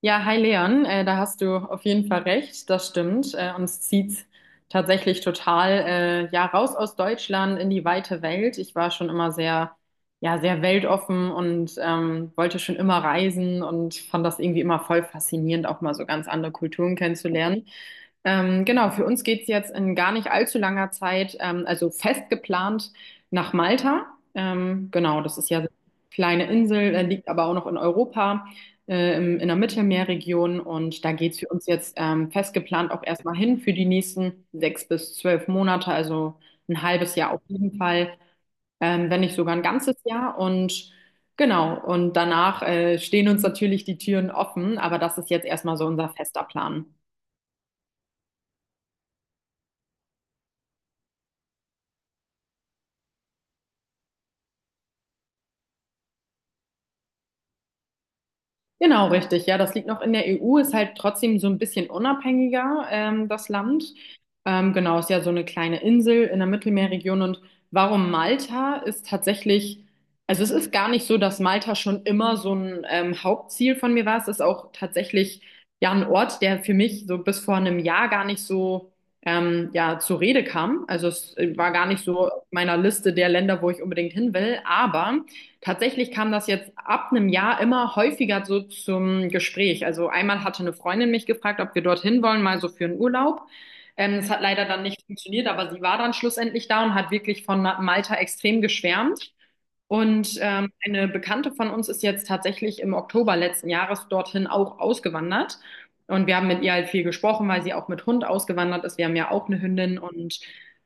Ja, hi Leon, da hast du auf jeden Fall recht, das stimmt. Uns zieht's tatsächlich total ja raus aus Deutschland in die weite Welt. Ich war schon immer sehr, ja, sehr weltoffen und wollte schon immer reisen und fand das irgendwie immer voll faszinierend, auch mal so ganz andere Kulturen kennenzulernen. Genau, für uns geht's jetzt in gar nicht allzu langer Zeit, also fest geplant nach Malta. Genau, das ist ja so eine kleine Insel, liegt aber auch noch in Europa in der Mittelmeerregion und da geht's für uns jetzt festgeplant auch erstmal hin für die nächsten 6 bis 12 Monate, also ein halbes Jahr auf jeden Fall, wenn nicht sogar ein ganzes Jahr, und genau, und danach stehen uns natürlich die Türen offen, aber das ist jetzt erstmal so unser fester Plan. Genau, richtig. Ja, das liegt noch in der EU, ist halt trotzdem so ein bisschen unabhängiger, das Land. Genau, ist ja so eine kleine Insel in der Mittelmeerregion. Und warum Malta ist tatsächlich, also es ist gar nicht so, dass Malta schon immer so ein Hauptziel von mir war. Es ist auch tatsächlich ja ein Ort, der für mich so bis vor einem Jahr gar nicht so ja zur Rede kam. Also es war gar nicht so auf meiner Liste der Länder, wo ich unbedingt hin will. Aber tatsächlich kam das jetzt ab einem Jahr immer häufiger so zum Gespräch. Also einmal hatte eine Freundin mich gefragt, ob wir dorthin wollen, mal so für einen Urlaub. Es hat leider dann nicht funktioniert, aber sie war dann schlussendlich da und hat wirklich von Malta extrem geschwärmt. Und eine Bekannte von uns ist jetzt tatsächlich im Oktober letzten Jahres dorthin auch ausgewandert. Und wir haben mit ihr halt viel gesprochen, weil sie auch mit Hund ausgewandert ist. Wir haben ja auch eine Hündin, und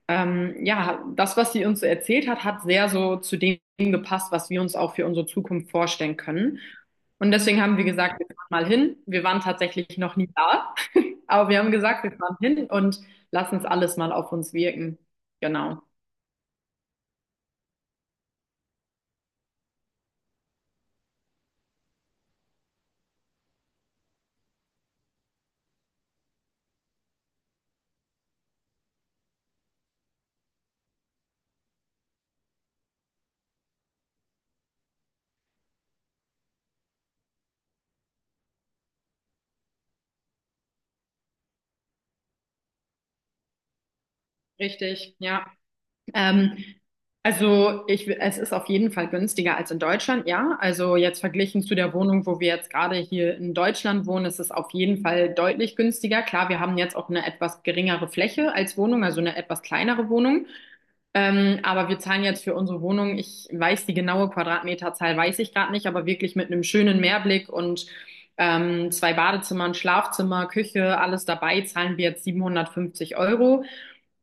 ja, das, was sie uns so erzählt hat, hat sehr so zu dem gepasst, was wir uns auch für unsere Zukunft vorstellen können. Und deswegen haben wir gesagt, wir fahren mal hin. Wir waren tatsächlich noch nie da, aber wir haben gesagt, wir fahren hin und lassen es alles mal auf uns wirken. Genau. Richtig, ja. Ähm, also es ist auf jeden Fall günstiger als in Deutschland, ja. Also jetzt verglichen zu der Wohnung, wo wir jetzt gerade hier in Deutschland wohnen, ist es auf jeden Fall deutlich günstiger. Klar, wir haben jetzt auch eine etwas geringere Fläche als Wohnung, also eine etwas kleinere Wohnung. Aber wir zahlen jetzt für unsere Wohnung, ich weiß die genaue Quadratmeterzahl, weiß ich gerade nicht, aber wirklich mit einem schönen Meerblick und zwei Badezimmern, Schlafzimmer, Küche, alles dabei, zahlen wir jetzt 750 Euro.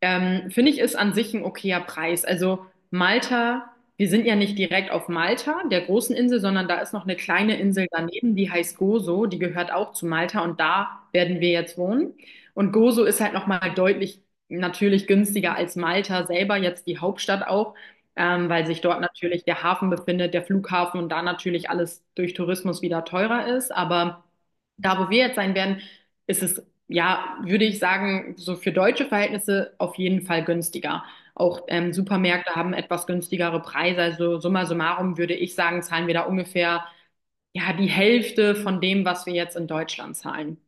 Finde ich, ist an sich ein okayer Preis. Also Malta, wir sind ja nicht direkt auf Malta, der großen Insel, sondern da ist noch eine kleine Insel daneben, die heißt Gozo, die gehört auch zu Malta, und da werden wir jetzt wohnen. Und Gozo ist halt nochmal deutlich natürlich günstiger als Malta selber, jetzt die Hauptstadt auch, weil sich dort natürlich der Hafen befindet, der Flughafen, und da natürlich alles durch Tourismus wieder teurer ist. Aber da, wo wir jetzt sein werden, ist es ja, würde ich sagen, so für deutsche Verhältnisse auf jeden Fall günstiger. Auch Supermärkte haben etwas günstigere Preise. Also summa summarum würde ich sagen, zahlen wir da ungefähr ja die Hälfte von dem, was wir jetzt in Deutschland zahlen.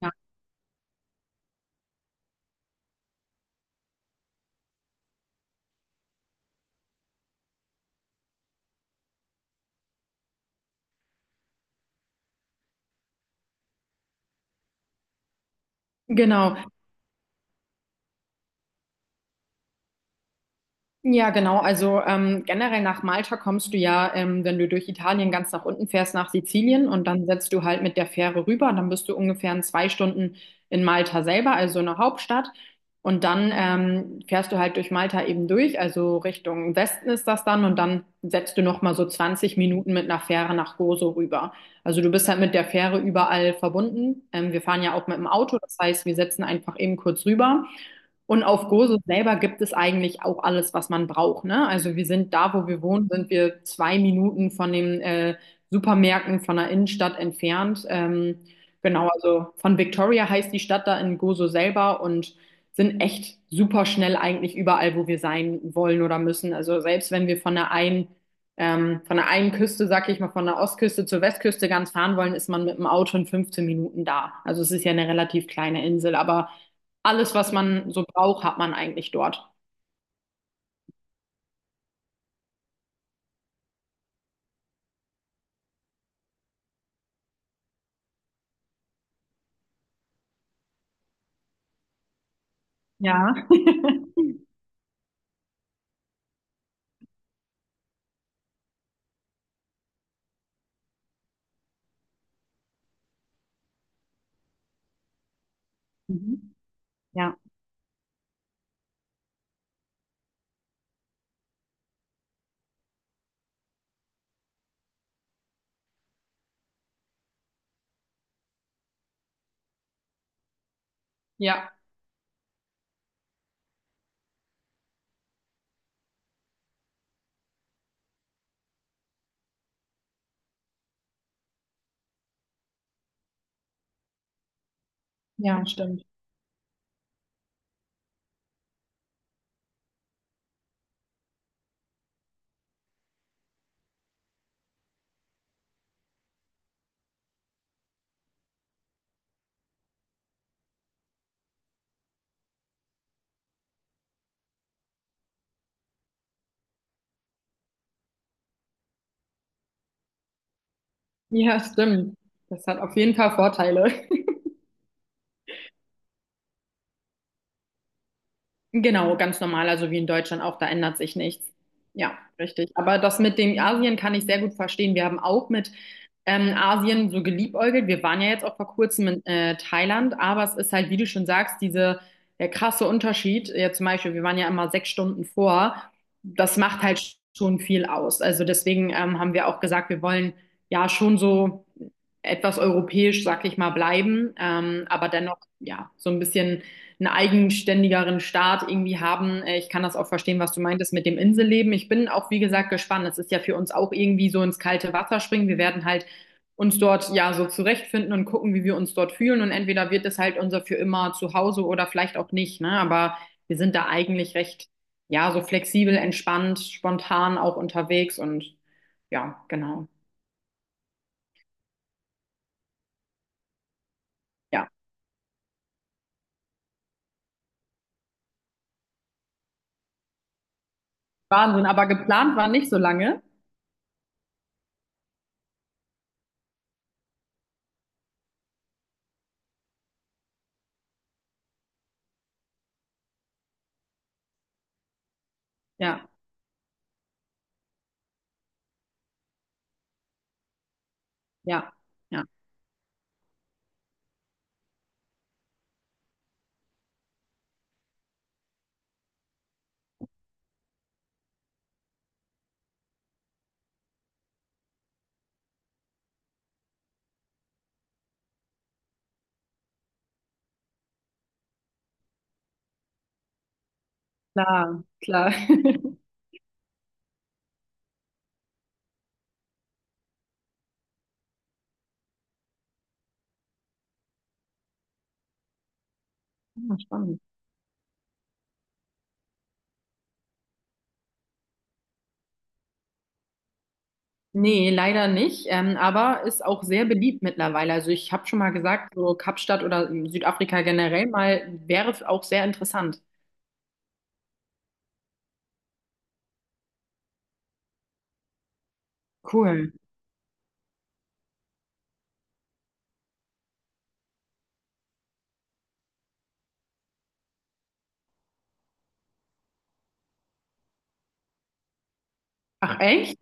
Ja, genau. Ja, genau. Also generell nach Malta kommst du ja, wenn du durch Italien ganz nach unten fährst, nach Sizilien, und dann setzt du halt mit der Fähre rüber. Dann bist du ungefähr in 2 Stunden in Malta selber, also in der Hauptstadt. Und dann fährst du halt durch Malta eben durch, also Richtung Westen ist das dann. Und dann setzt du nochmal so 20 Minuten mit einer Fähre nach Gozo rüber. Also du bist halt mit der Fähre überall verbunden. Wir fahren ja auch mit dem Auto, das heißt, wir setzen einfach eben kurz rüber. Und auf Gozo selber gibt es eigentlich auch alles, was man braucht, ne? Also wir sind da, wo wir wohnen, sind wir 2 Minuten von den Supermärkten von der Innenstadt entfernt. Genau, also von Victoria heißt die Stadt da in Gozo selber, und sind echt super schnell eigentlich überall, wo wir sein wollen oder müssen. Also selbst wenn wir von der einen Küste, sag ich mal, von der Ostküste zur Westküste ganz fahren wollen, ist man mit dem Auto in 15 Minuten da. Also es ist ja eine relativ kleine Insel, aber alles, was man so braucht, hat man eigentlich dort. Ja. Mhm. Ja. Ja, ja, stimmt. Ja, stimmt. Das hat auf jeden Fall Vorteile. Genau, ganz normal, also wie in Deutschland auch, da ändert sich nichts. Ja, richtig. Aber das mit dem Asien kann ich sehr gut verstehen. Wir haben auch mit Asien so geliebäugelt. Wir waren ja jetzt auch vor kurzem in Thailand, aber es ist halt, wie du schon sagst, diese, der krasse Unterschied. Ja, zum Beispiel, wir waren ja immer 6 Stunden vor. Das macht halt schon viel aus. Also deswegen haben wir auch gesagt, wir wollen ja schon so etwas europäisch, sag ich mal, bleiben, aber dennoch, ja, so ein bisschen einen eigenständigeren Staat irgendwie haben. Ich kann das auch verstehen, was du meintest mit dem Inselleben. Ich bin auch, wie gesagt, gespannt. Es ist ja für uns auch irgendwie so ins kalte Wasser springen. Wir werden halt uns dort ja so zurechtfinden und gucken, wie wir uns dort fühlen. Und entweder wird es halt unser für immer Zuhause oder vielleicht auch nicht, ne? Aber wir sind da eigentlich recht, ja, so flexibel, entspannt, spontan auch unterwegs und ja, genau. Ja, Wahnsinn. Aber geplant war nicht so lange. Ja, ja, ja. Klar, klar. Ja, spannend. Nee, leider nicht, aber ist auch sehr beliebt mittlerweile. Also ich habe schon mal gesagt, so Kapstadt oder Südafrika generell mal wäre auch sehr interessant. Cool. Ach echt?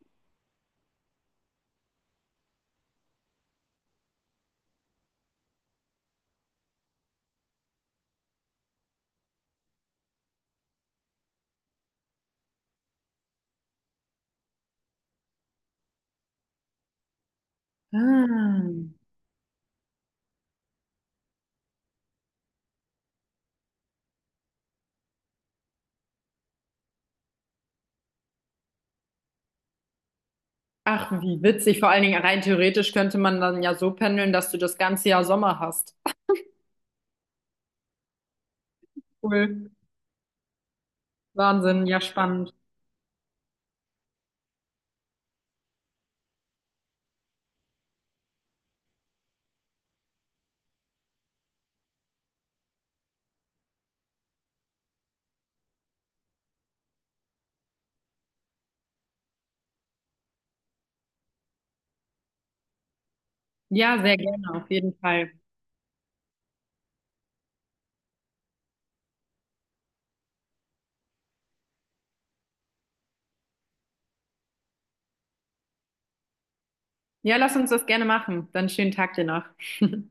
Ah. Ach, wie witzig. Vor allen Dingen rein theoretisch könnte man dann ja so pendeln, dass du das ganze Jahr Sommer hast. Cool. Wahnsinn, ja spannend. Ja, sehr gerne, auf jeden Fall. Ja, lass uns das gerne machen. Dann schönen Tag dir noch.